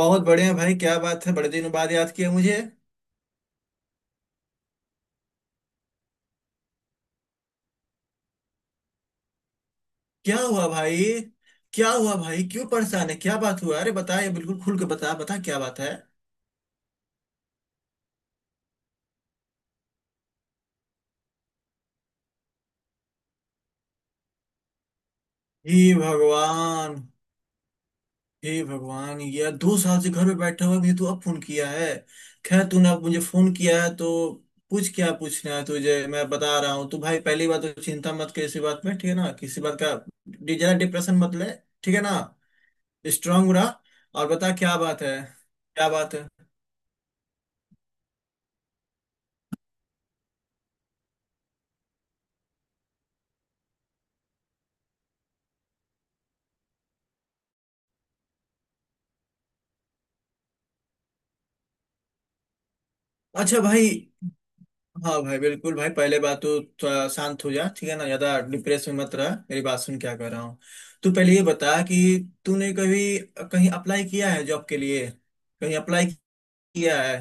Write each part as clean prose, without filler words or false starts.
बहुत बढ़िया भाई। क्या बात है, बड़े दिनों बाद याद किया मुझे। क्या हुआ भाई? क्यों परेशान है? क्या बात हुआ? अरे बता, ये बिल्कुल खुल के बता, बता क्या बात है। हे भगवान। ये 2 साल से घर में बैठा हुआ भी तू अब फोन किया है। खैर तूने अब मुझे फोन किया है, तो पूछ, क्या पूछना है तुझे मैं बता रहा हूँ। तो भाई पहली बात तो चिंता मत कर इसी बात में, ठीक है ना? किसी बात का जरा डिप्रेशन मत ले। ठीक है ना, स्ट्रांग रहा। और बता क्या बात है? क्या बात है अच्छा भाई। हाँ भाई बिल्कुल भाई, पहले बात तो थोड़ा शांत हो जा, ठीक है ना? ज्यादा डिप्रेस में मत रह, मेरी बात सुन क्या कर रहा हूँ। तू पहले ये बता कि तूने कभी कहीं अप्लाई किया है जॉब के लिए? कहीं अप्लाई किया है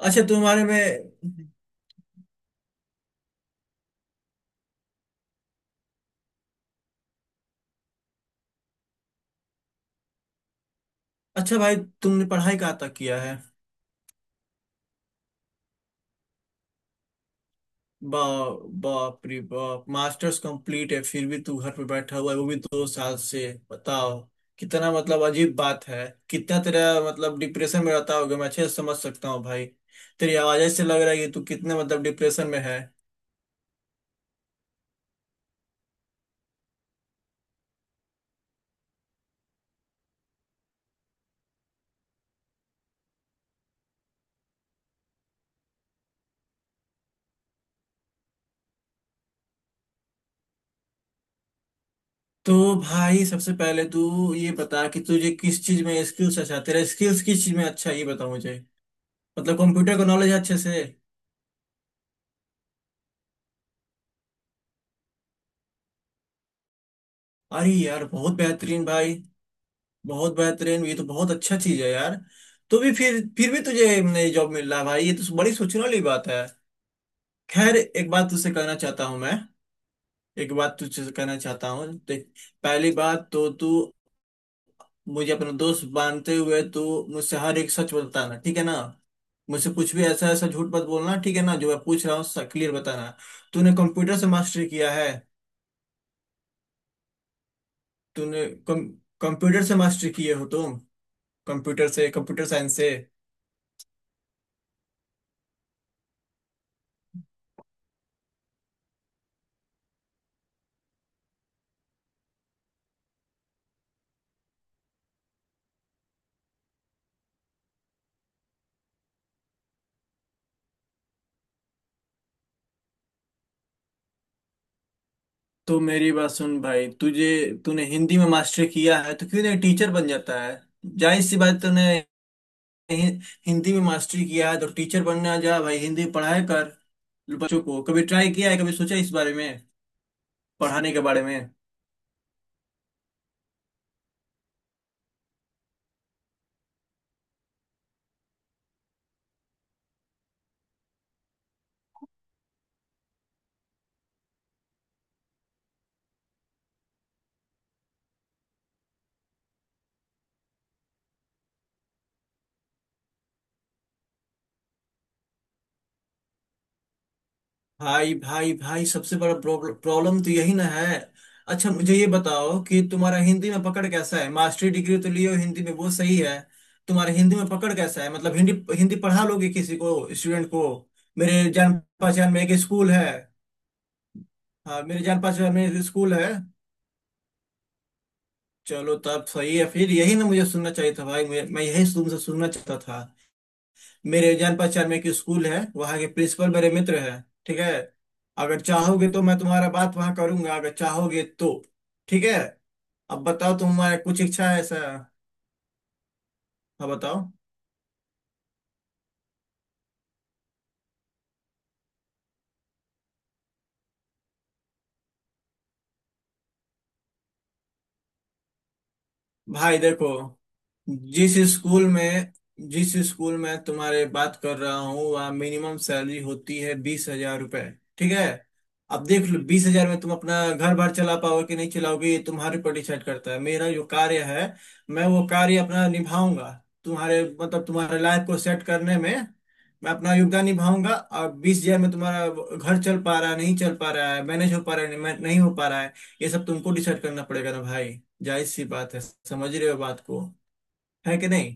अच्छा तुम्हारे में। अच्छा भाई तुमने पढ़ाई कहाँ तक किया है? बा बाप रे बाप, मास्टर्स कंप्लीट है फिर भी तू घर पे बैठा हुआ है, वो भी 2 साल से। बताओ कितना, मतलब अजीब बात है। कितना तेरा मतलब डिप्रेशन में रहता होगा, मैं अच्छे से समझ सकता हूँ भाई। तेरी आवाज से लग रहा है कि तू कितने मतलब डिप्रेशन में है। तो भाई सबसे पहले तू ये बता कि तुझे किस चीज में स्किल्स, अच्छा तेरा स्किल्स किस चीज में अच्छा है, ये बता मुझे। मतलब कंप्यूटर का नॉलेज अच्छे से? अरे यार बहुत बेहतरीन भाई, बहुत बेहतरीन, ये तो बहुत अच्छा चीज है यार। तो भी फिर भी तुझे नई जॉब मिल रहा है भाई, ये तो बड़ी सोचने वाली बात है। खैर एक बात तुझसे कहना चाहता हूँ मैं। एक बात तुझसे कहना चाहता हूँ देख, पहली बात तो तू मुझे अपना दोस्त मानते हुए तू मुझसे हर एक सच बताना, ठीक है ना? मुझसे कुछ भी ऐसा ऐसा झूठ मत बोलना ठीक है ना, जो मैं पूछ रहा हूँ क्लियर बताना। तूने कंप्यूटर से मास्टरी किया है? तूने कम कंप्यूटर से मास्टरी किए हो तुम? कंप्यूटर से, कंप्यूटर साइंस से? तो मेरी बात सुन भाई, तुझे, तूने हिंदी में मास्टरी किया है तो क्यों नहीं टीचर बन जाता है? जाहिर सी बात, तूने हिंदी में मास्टरी किया है तो टीचर बनना जा भाई, हिंदी पढ़ाया कर बच्चों को। कभी ट्राई किया है? कभी सोचा है इस बारे में, पढ़ाने के बारे में? भाई भाई भाई सबसे बड़ा प्रॉब्लम तो यही ना है। अच्छा मुझे ये बताओ कि तुम्हारा हिंदी में पकड़ कैसा है? मास्टरी डिग्री तो लियो हिंदी में, वो सही है। तुम्हारा हिंदी में पकड़ कैसा है, मतलब हिंदी, हिंदी पढ़ा लोगे किसी को, स्टूडेंट को? मेरे जान पहचान में एक स्कूल है। हाँ, मेरे जान पहचान में एक स्कूल है। चलो तब सही है, फिर यही ना मुझे सुनना चाहिए था भाई, मैं यही तुमसे सुनना चाहता था। मेरे जान पहचान में एक स्कूल है, वहाँ के प्रिंसिपल मेरे मित्र है। ठीक है। अगर चाहोगे तो मैं तुम्हारा बात वहाँ करूंगा, अगर चाहोगे तो। ठीक है। अब बताओ तुम्हारा कुछ इच्छा है ऐसा? हाँ बताओ। भाई देखो जिस स्कूल में, जिस स्कूल में तुम्हारे बात कर रहा हूँ, वहाँ मिनिमम सैलरी होती है 20,000 रुपए। ठीक है। अब देख लो 20,000 में तुम अपना घर बार चला पाओगे कि नहीं चलाओगे, ये तुम्हारे ऊपर डिसाइड करता है। मेरा जो कार्य है, मैं वो कार्य अपना निभाऊंगा। तुम्हारे मतलब तुम्हारे लाइफ को सेट करने में मैं अपना योगदान निभाऊंगा। और 20,000 में तुम्हारा घर चल पा रहा है नहीं चल पा रहा है, मैनेज हो पा रहा है नहीं नहीं हो पा रहा है, ये सब तुमको डिसाइड करना पड़ेगा ना भाई। जायज सी बात है, समझ रहे हो बात को? है कि नहीं?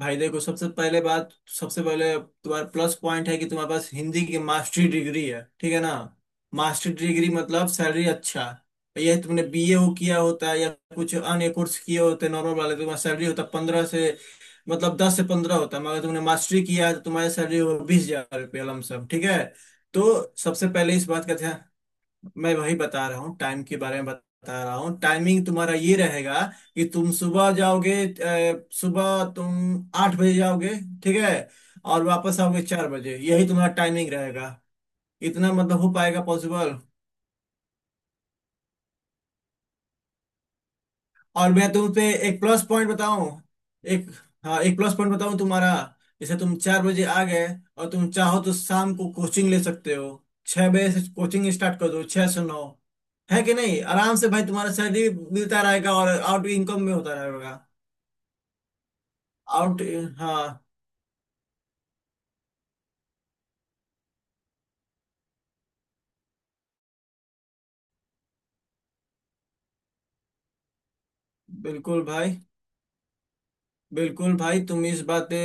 भाई देखो सबसे पहले बात, सबसे पहले तुम्हारा प्लस पॉइंट है कि तुम्हारे पास हिंदी की मास्टरी डिग्री है, ठीक है ना? मास्टरी डिग्री मतलब सैलरी अच्छा। ये तुमने बीए हो किया होता है या कुछ अन्य कोर्स किए होते नॉर्मल वाले, तुम्हारा सैलरी होता 15 से, मतलब 10 से 15 होता है, मगर तुमने मास्टरी किया है, तो तुम्हारी सैलरी हो 20,000 रुपये लमसम। ठीक है। तो सबसे पहले इस बात का ध्यान, मैं वही बता रहा हूँ, टाइम के बारे में बता रहा हूँ। टाइमिंग तुम्हारा ये रहेगा कि तुम सुबह जाओगे, सुबह तुम 8 बजे जाओगे। ठीक है। और वापस आओगे 4 बजे, यही तुम्हारा टाइमिंग रहेगा। इतना मतलब हो पाएगा पॉसिबल? और मैं तुम पे एक प्लस पॉइंट बताऊं, एक, हाँ एक प्लस पॉइंट बताऊं तुम्हारा। जैसे तुम 4 बजे आ गए, और तुम चाहो तो शाम को कोचिंग ले सकते हो। 6 बजे से कोचिंग स्टार्ट कर दो, 6 से 9, है कि नहीं? आराम से भाई, तुम्हारा सैलरी भी मिलता रहेगा और आउट इनकम में होता रहेगा। आउट। हाँ बिल्कुल भाई, बिल्कुल भाई तुम इस बात पे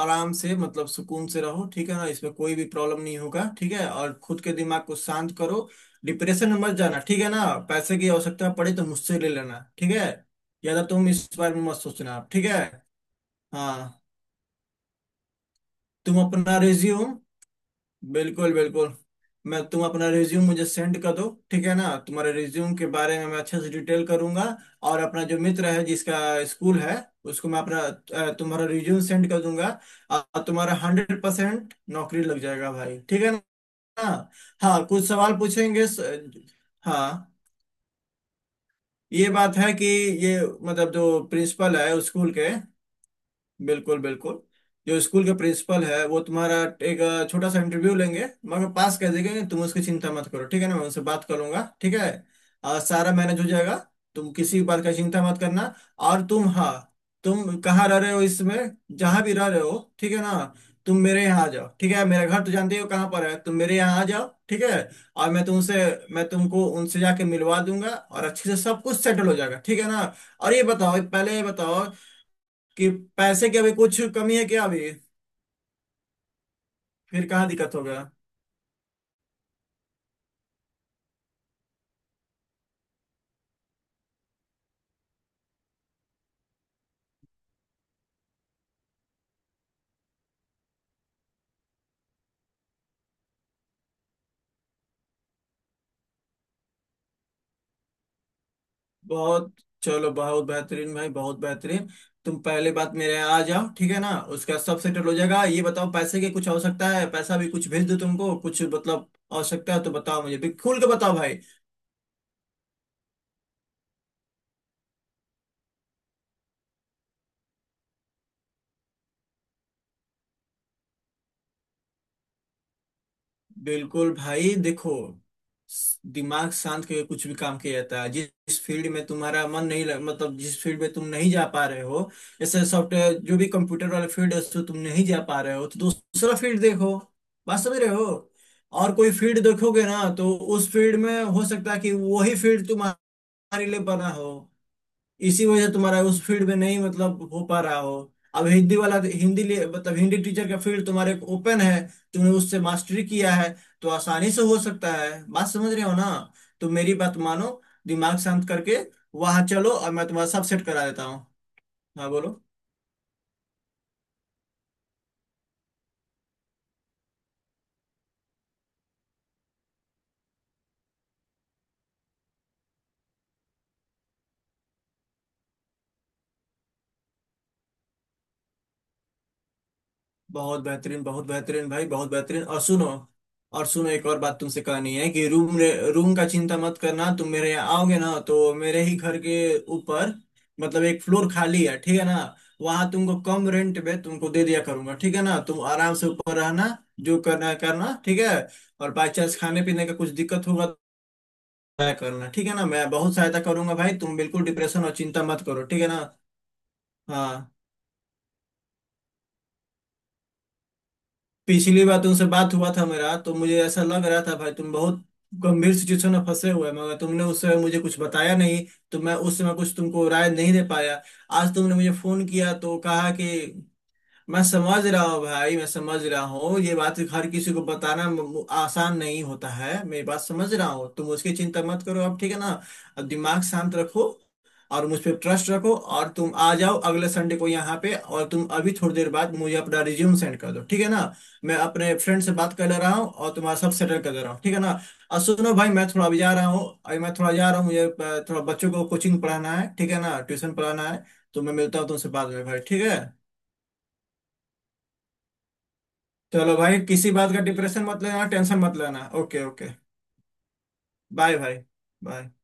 आराम से मतलब सुकून से रहो, ठीक है ना? इसमें कोई भी प्रॉब्लम नहीं होगा ठीक है, और खुद के दिमाग को शांत करो। डिप्रेशन में मत जाना ठीक है ना, पैसे की आवश्यकता पड़े तो मुझसे ले लेना, ठीक है। ज्यादा तुम इस बारे में मत सोचना, ठीक है। हाँ। तुम अपना रिज्यूम, बिल्कुल बिल्कुल, मैं, तुम अपना रिज्यूम मुझे सेंड कर दो ठीक है ना, तुम्हारे रिज्यूम के बारे में मैं अच्छे से डिटेल करूंगा। और अपना जो मित्र है जिसका स्कूल है, उसको मैं अपना तुम्हारा रिज्यूम सेंड कर दूंगा। और तुम्हारा 100% नौकरी लग जाएगा भाई, ठीक है ना? हाँ कुछ सवाल पूछेंगे हाँ, ये बात है कि ये मतलब जो प्रिंसिपल है उस स्कूल के, बिल्कुल बिल्कुल, जो स्कूल के प्रिंसिपल है वो तुम्हारा एक छोटा सा इंटरव्यू लेंगे, मगर पास कर देंगे कि, तुम उसकी चिंता मत करो ठीक है ना, मैं उनसे बात करूंगा ठीक है। सारा मैनेज हो जाएगा, तुम किसी भी बात का चिंता मत करना। और तुम, हाँ, तुम कहाँ रह रहे हो इसमें, जहाँ भी रह रहे हो, ठीक है ना, तुम मेरे यहाँ आ जाओ ठीक है, मेरा घर तो जानते ही हो कहाँ पर है, तुम मेरे यहाँ आ जाओ ठीक है। और मैं तुमसे, मैं तुमको उनसे जाके मिलवा दूंगा और अच्छे से सब कुछ सेटल हो जाएगा, ठीक है ना? और ये बताओ, पहले ये बताओ कि पैसे की अभी कुछ कमी है क्या अभी? फिर कहाँ दिक्कत होगा? बहुत चलो बहुत बेहतरीन भाई बहुत बेहतरीन, तुम पहले बात मेरे यहाँ आ जाओ, ठीक है ना? उसका सब सेटल हो जाएगा। ये बताओ पैसे की कुछ आवश्यकता है, पैसा भी कुछ भेज दो, तुमको कुछ मतलब आवश्यकता है तो बताओ, मुझे भी खुल के बताओ भाई। बिल्कुल भाई देखो, दिमाग शांत करके कुछ भी काम किया जाता है। जिस फील्ड में तुम्हारा मन नहीं लग, मतलब जिस फील्ड में तुम नहीं जा पा रहे हो, जैसे सॉफ्टवेयर जो भी कंप्यूटर वाला फील्ड है उसको तुम नहीं जा पा रहे हो, तो दूसरा फील्ड देखो, बात समझ रहे हो? और कोई फील्ड देखोगे ना, तो उस फील्ड में हो सकता है कि वही फील्ड तुम्हारे लिए बना हो, इसी वजह से तुम्हारा उस फील्ड में नहीं मतलब हो पा रहा हो। अब हिंदी वाला तो, हिंदी लिए मतलब हिंदी टीचर का फील्ड तुम्हारे ओपन है, तुमने उससे मास्टरी किया है तो आसानी से हो सकता है, बात समझ रहे हो ना? तो मेरी बात मानो, दिमाग शांत करके वहां चलो, और मैं तुम्हारा सब सेट करा देता हूँ। हाँ बोलो। बहुत बेहतरीन, बहुत बेहतरीन भाई बहुत बेहतरीन। और सुनो, एक और बात तुमसे कहनी है कि रूम, रूम का चिंता मत करना, तुम मेरे यहाँ आओगे ना तो मेरे ही घर के ऊपर मतलब एक फ्लोर खाली है, ठीक है ना? वहां तुमको कम रेंट पे तुमको दे दिया करूंगा, ठीक है ना, तुम आराम से ऊपर रहना, जो करना है करना, ठीक है। और बाई चांस खाने पीने का कुछ दिक्कत होगा तो मैं करना, ठीक है ना, मैं बहुत सहायता करूंगा भाई, तुम बिल्कुल डिप्रेशन और चिंता मत करो, ठीक है ना? हाँ। पिछली बार तुमसे बात हुआ था मेरा, तो मुझे ऐसा लग रहा था भाई तुम बहुत गंभीर सिचुएशन में फंसे हुए हैं, मगर तुमने उस समय मुझे कुछ बताया नहीं, तो मैं उस समय कुछ तुमको राय नहीं दे पाया। आज तुमने मुझे फोन किया तो कहा कि मैं समझ रहा हूँ भाई, मैं समझ रहा हूँ ये बात हर किसी को बताना आसान नहीं होता है, मेरी बात समझ रहा हूँ, तुम उसकी चिंता मत करो अब, ठीक है ना? अब दिमाग शांत रखो और मुझ पर ट्रस्ट रखो, और तुम आ जाओ अगले संडे को यहाँ पे, और तुम अभी थोड़ी देर बाद मुझे अपना रिज्यूम सेंड कर दो, ठीक है ना? मैं अपने फ्रेंड से बात कर ले रहा हूँ और तुम्हारा सब सेटल कर दे रहा हूँ, ठीक है ना? और सुनो भाई मैं थोड़ा अभी जा रहा हूँ, मुझे थोड़ा बच्चों को कोचिंग पढ़ाना है, ठीक है ना, ट्यूशन पढ़ाना है। तो मैं मिलता हूँ तुमसे बाद में भाई, ठीक है। चलो भाई किसी बात का डिप्रेशन मत लेना, टेंशन मत लेना। Okay okay. बाय भाई। बाय।